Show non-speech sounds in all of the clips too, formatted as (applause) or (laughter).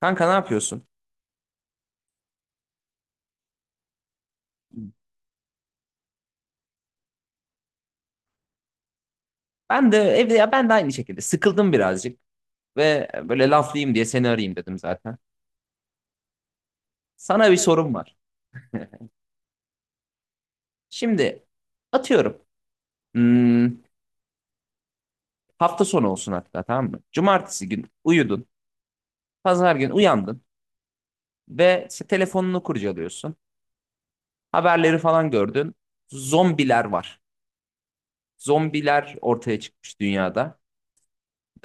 Kanka ne yapıyorsun? Ben de evde ya, ben de aynı şekilde sıkıldım birazcık ve böyle laflayayım diye seni arayayım dedim zaten. Sana bir sorum var. Şimdi atıyorum. hmm, Hafta sonu olsun hatta, tamam mı? Cumartesi gün uyudun. Pazar gün uyandın ve telefonunu kurcalıyorsun. Haberleri falan gördün. Zombiler var. Zombiler ortaya çıkmış dünyada.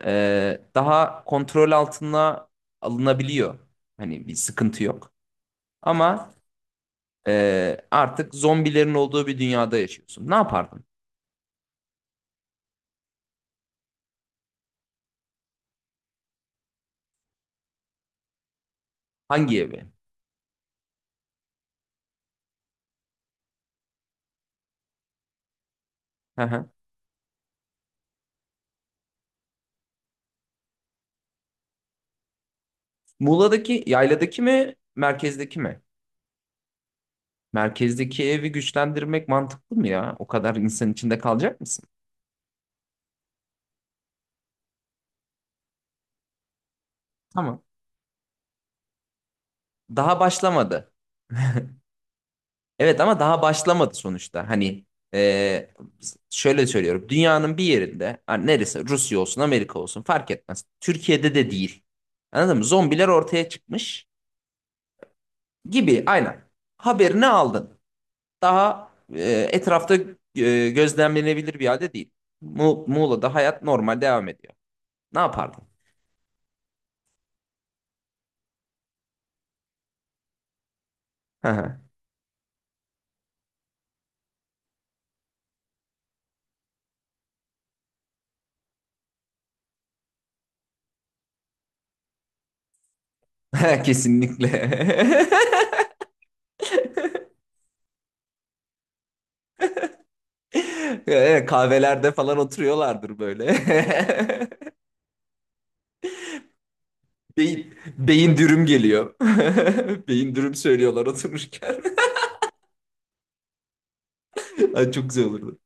Daha kontrol altına alınabiliyor. Hani bir sıkıntı yok. Ama artık zombilerin olduğu bir dünyada yaşıyorsun. Ne yapardın? Hangi evi? Hı hı. Muğla'daki, yayladaki mi, merkezdeki mi? Merkezdeki evi güçlendirmek mantıklı mı ya? O kadar insan içinde kalacak mısın? Tamam. Daha başlamadı. Evet, ama daha başlamadı sonuçta. Hani ee, şöyle söylüyorum. Dünyanın bir yerinde, hani neresi? Rusya olsun, Amerika olsun, fark etmez. Türkiye'de de değil. Anladın mı? Zombiler ortaya çıkmış gibi. Aynen. Haberini aldın. Daha etrafta gözlemlenebilir bir halde değil. Muğla'da hayat normal devam ediyor. Ne yapardın? Hı hı. (laughs) Kesinlikle. (laughs) Evet, kahvelerde falan oturuyorlardır böyle. (laughs) Beyin, beyin dürüm geliyor. (laughs) Beyin dürüm söylüyorlar otururken. (laughs) Ay, çok güzel olurdu.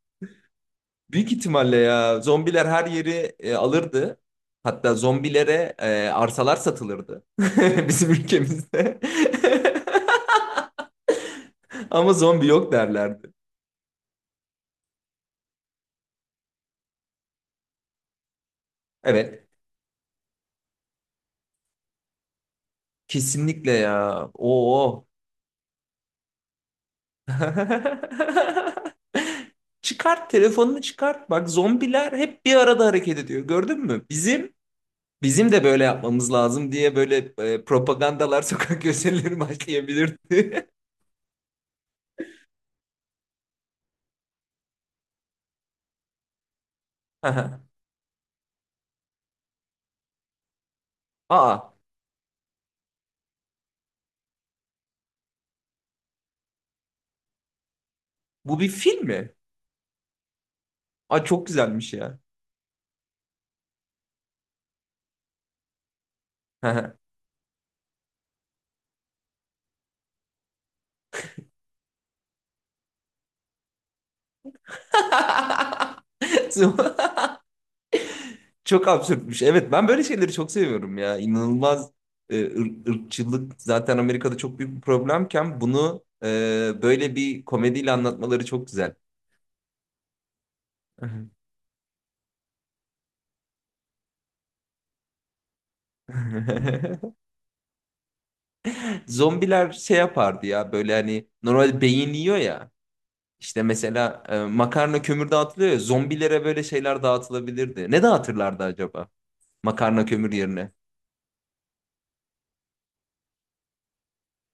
Büyük ihtimalle ya zombiler her yeri alırdı. Hatta zombilere arsalar satılırdı. (laughs) Bizim ülkemizde. (laughs) Ama zombi yok derlerdi. Evet. Kesinlikle ya. Oo. (laughs) Çıkart telefonunu, çıkart. Bak, zombiler hep bir arada hareket ediyor. Gördün mü? Bizim de böyle yapmamız lazım diye böyle propagandalar, (laughs) sokak gösterileri başlayabilirdi. (laughs) Aha. Aa, bu bir film mi? Aa, çok güzelmiş ya. Aha. (laughs) Çok absürtmüş. Evet, ben böyle şeyleri çok seviyorum ya. İnanılmaz ırkçılık zaten Amerika'da çok büyük bir problemken bunu böyle bir komediyle anlatmaları çok güzel. (laughs) Zombiler şey yapardı ya, böyle hani normal beyin yiyor ya. İşte mesela makarna kömür dağıtılıyor ya, zombilere böyle şeyler dağıtılabilirdi. Ne dağıtırlardı acaba makarna kömür yerine?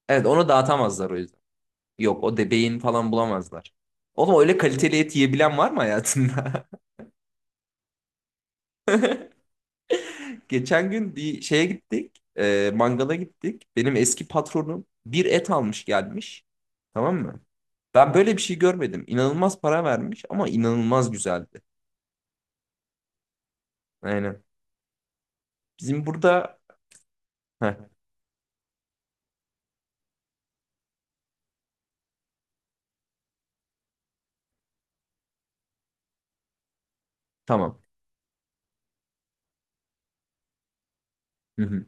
Evet, onu dağıtamazlar o yüzden. Yok, o de beyin falan bulamazlar. Oğlum, öyle kaliteli et yiyebilen var mı hayatında? (laughs) Geçen gün bir şeye gittik. E, mangala gittik. Benim eski patronum bir et almış, gelmiş. Tamam mı? Ben böyle bir şey görmedim. İnanılmaz para vermiş ama inanılmaz güzeldi. Aynen. Bizim burada... Heh, tamam. Hı hı.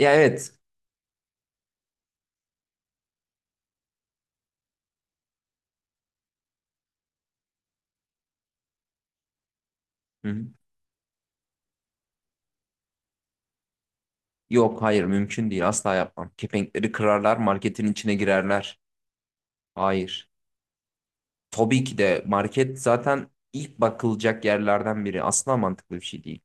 Ya evet. Hı hı. Yok, hayır, mümkün değil. Asla yapmam. Kepenkleri kırarlar. Marketin içine girerler. Hayır. Tabii ki de market zaten ilk bakılacak yerlerden biri. Asla mantıklı bir şey değil.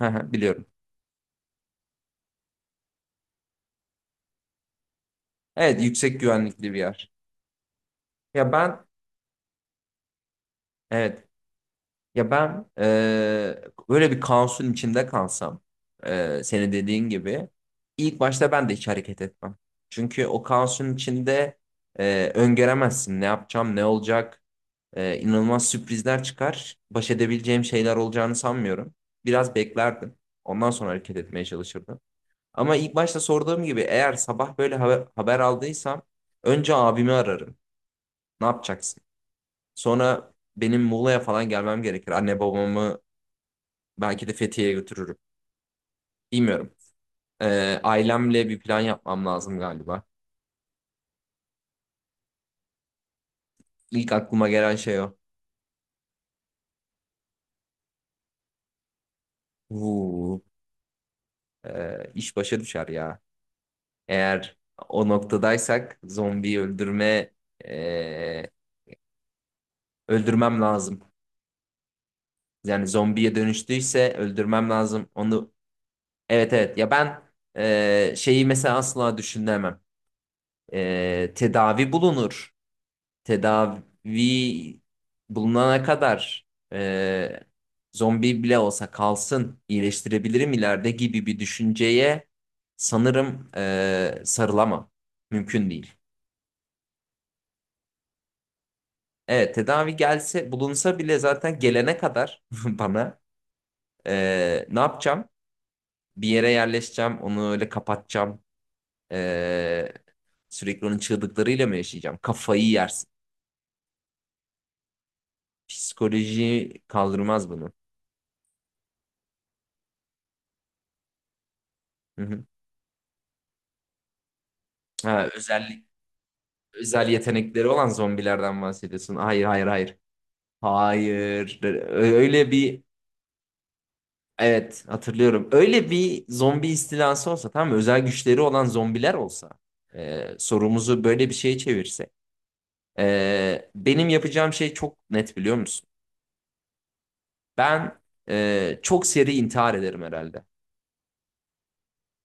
Hı hı, biliyorum. Evet, yüksek güvenlikli bir yer. Ya ben Evet. Ya ben böyle bir kaosun içinde kalsam, senin dediğin gibi ilk başta ben de hiç hareket etmem. Çünkü o kaosun içinde öngöremezsin ne yapacağım, ne olacak. İnanılmaz sürprizler çıkar. Baş edebileceğim şeyler olacağını sanmıyorum. Biraz beklerdim. Ondan sonra hareket etmeye çalışırdım. Ama ilk başta sorduğum gibi, eğer sabah böyle haber aldıysam önce abimi ararım. Ne yapacaksın? Sonra benim Muğla'ya falan gelmem gerekir. Anne babamı belki de Fethiye'ye götürürüm. Bilmiyorum. Ailemle bir plan yapmam lazım galiba. İlk aklıma gelen şey o. Vuu, iş başa düşer ya. Eğer o noktadaysak zombiyi ee, öldürmem lazım. Yani zombiye dönüştüyse öldürmem lazım. Onu evet evet ya ben Şeyi mesela asla düşünemem. Tedavi bulunur. Tedavi bulunana kadar, e, zombi bile olsa kalsın, iyileştirebilirim ileride gibi bir düşünceye sanırım sarılamam. Mümkün değil. Evet, tedavi gelse, bulunsa bile zaten gelene kadar (laughs) bana ne yapacağım? Bir yere yerleşeceğim, onu öyle kapatacağım. E, Sürekli onun çığlıklarıyla mı yaşayacağım? Kafayı yersin. Psikoloji kaldırmaz bunu. Hı hı. Ha, özellik. Özel yetenekleri olan zombilerden bahsediyorsun. Hayır, hayır, hayır. Hayır. Öyle bir evet, hatırlıyorum. Öyle bir zombi istilası olsa, tamam mı? Özel güçleri olan zombiler olsa, sorumuzu böyle bir şeye çevirse. Benim yapacağım şey çok net, biliyor musun? Ben çok seri intihar ederim herhalde.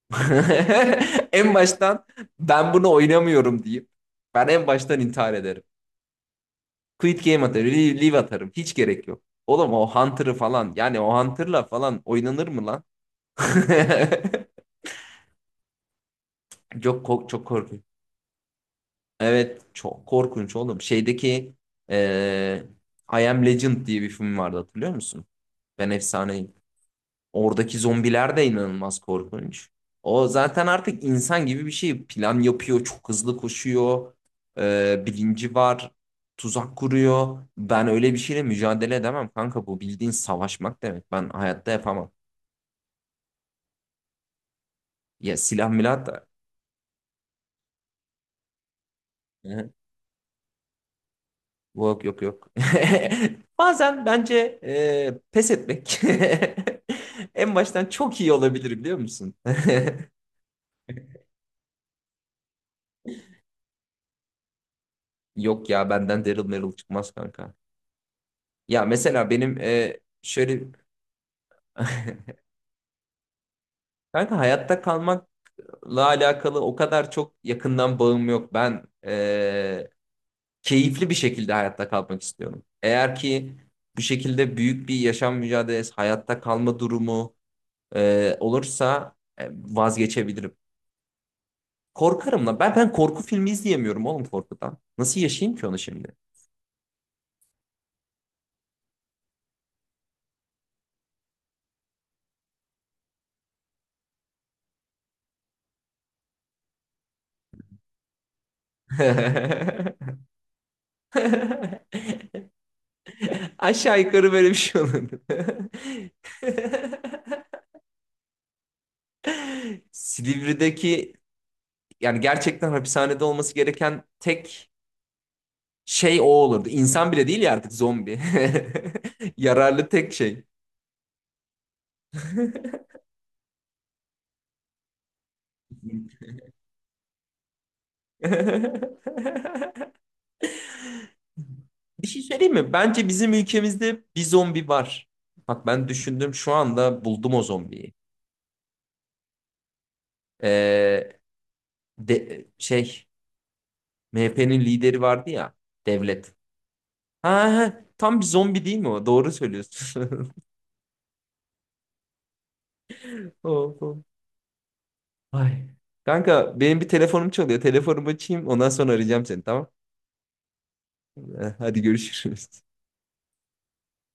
(laughs) En baştan ben bunu oynamıyorum deyip ben en baştan intihar ederim. Quit game atarım. Leave, leave atarım. Hiç gerek yok. Oğlum, o Hunter'ı falan, yani o Hunter'la falan oynanır mı lan? (laughs) Çok korkunç. Evet, çok korkunç oğlum. Şeydeki eee I Am Legend diye bir film vardı, hatırlıyor musun? Ben efsaneyim. Oradaki zombiler de inanılmaz korkunç. O zaten artık insan gibi bir şey. Plan yapıyor, çok hızlı koşuyor, bilinci var, tuzak kuruyor. Ben öyle bir şeyle mücadele edemem kanka. Bu bildiğin savaşmak demek. Ben hayatta yapamam. Ya silah milah da. Hı. Yok, yok, yok. (laughs) Bazen bence pes etmek (laughs) en baştan çok iyi olabilir, biliyor musun? (laughs) Yok ya, benden Daryl Merrill çıkmaz kanka. Ya mesela benim şöyle (laughs) kanka hayatta kalmakla alakalı o kadar çok yakından bağım yok. Ben keyifli bir şekilde hayatta kalmak istiyorum. Eğer ki bu şekilde büyük bir yaşam mücadelesi, hayatta kalma durumu olursa vazgeçebilirim. Korkarım lan. Ben korku filmi izleyemiyorum oğlum, korkudan. Nasıl yaşayayım ki onu şimdi? (laughs) Aşağı yukarı böyle bir şey olurdu. (laughs) Silivri'deki, yani gerçekten hapishanede olması gereken tek şey o olurdu. İnsan bile değil ya artık, zombi. (laughs) Yararlı tek şey. (laughs) (laughs) Bir şey söyleyeyim mi? Bence bizim ülkemizde bir zombi var. Bak, ben düşündüm şu anda, buldum o zombiyi. Ee, de, şey MHP'nin lideri vardı ya, devlet. Ha, ha, tam bir zombi değil mi o? Doğru söylüyorsun. (laughs) Oh, oh. Ay. Kanka, benim bir telefonum çalıyor. Telefonumu açayım, ondan sonra arayacağım seni, tamam. Eh, hadi görüşürüz.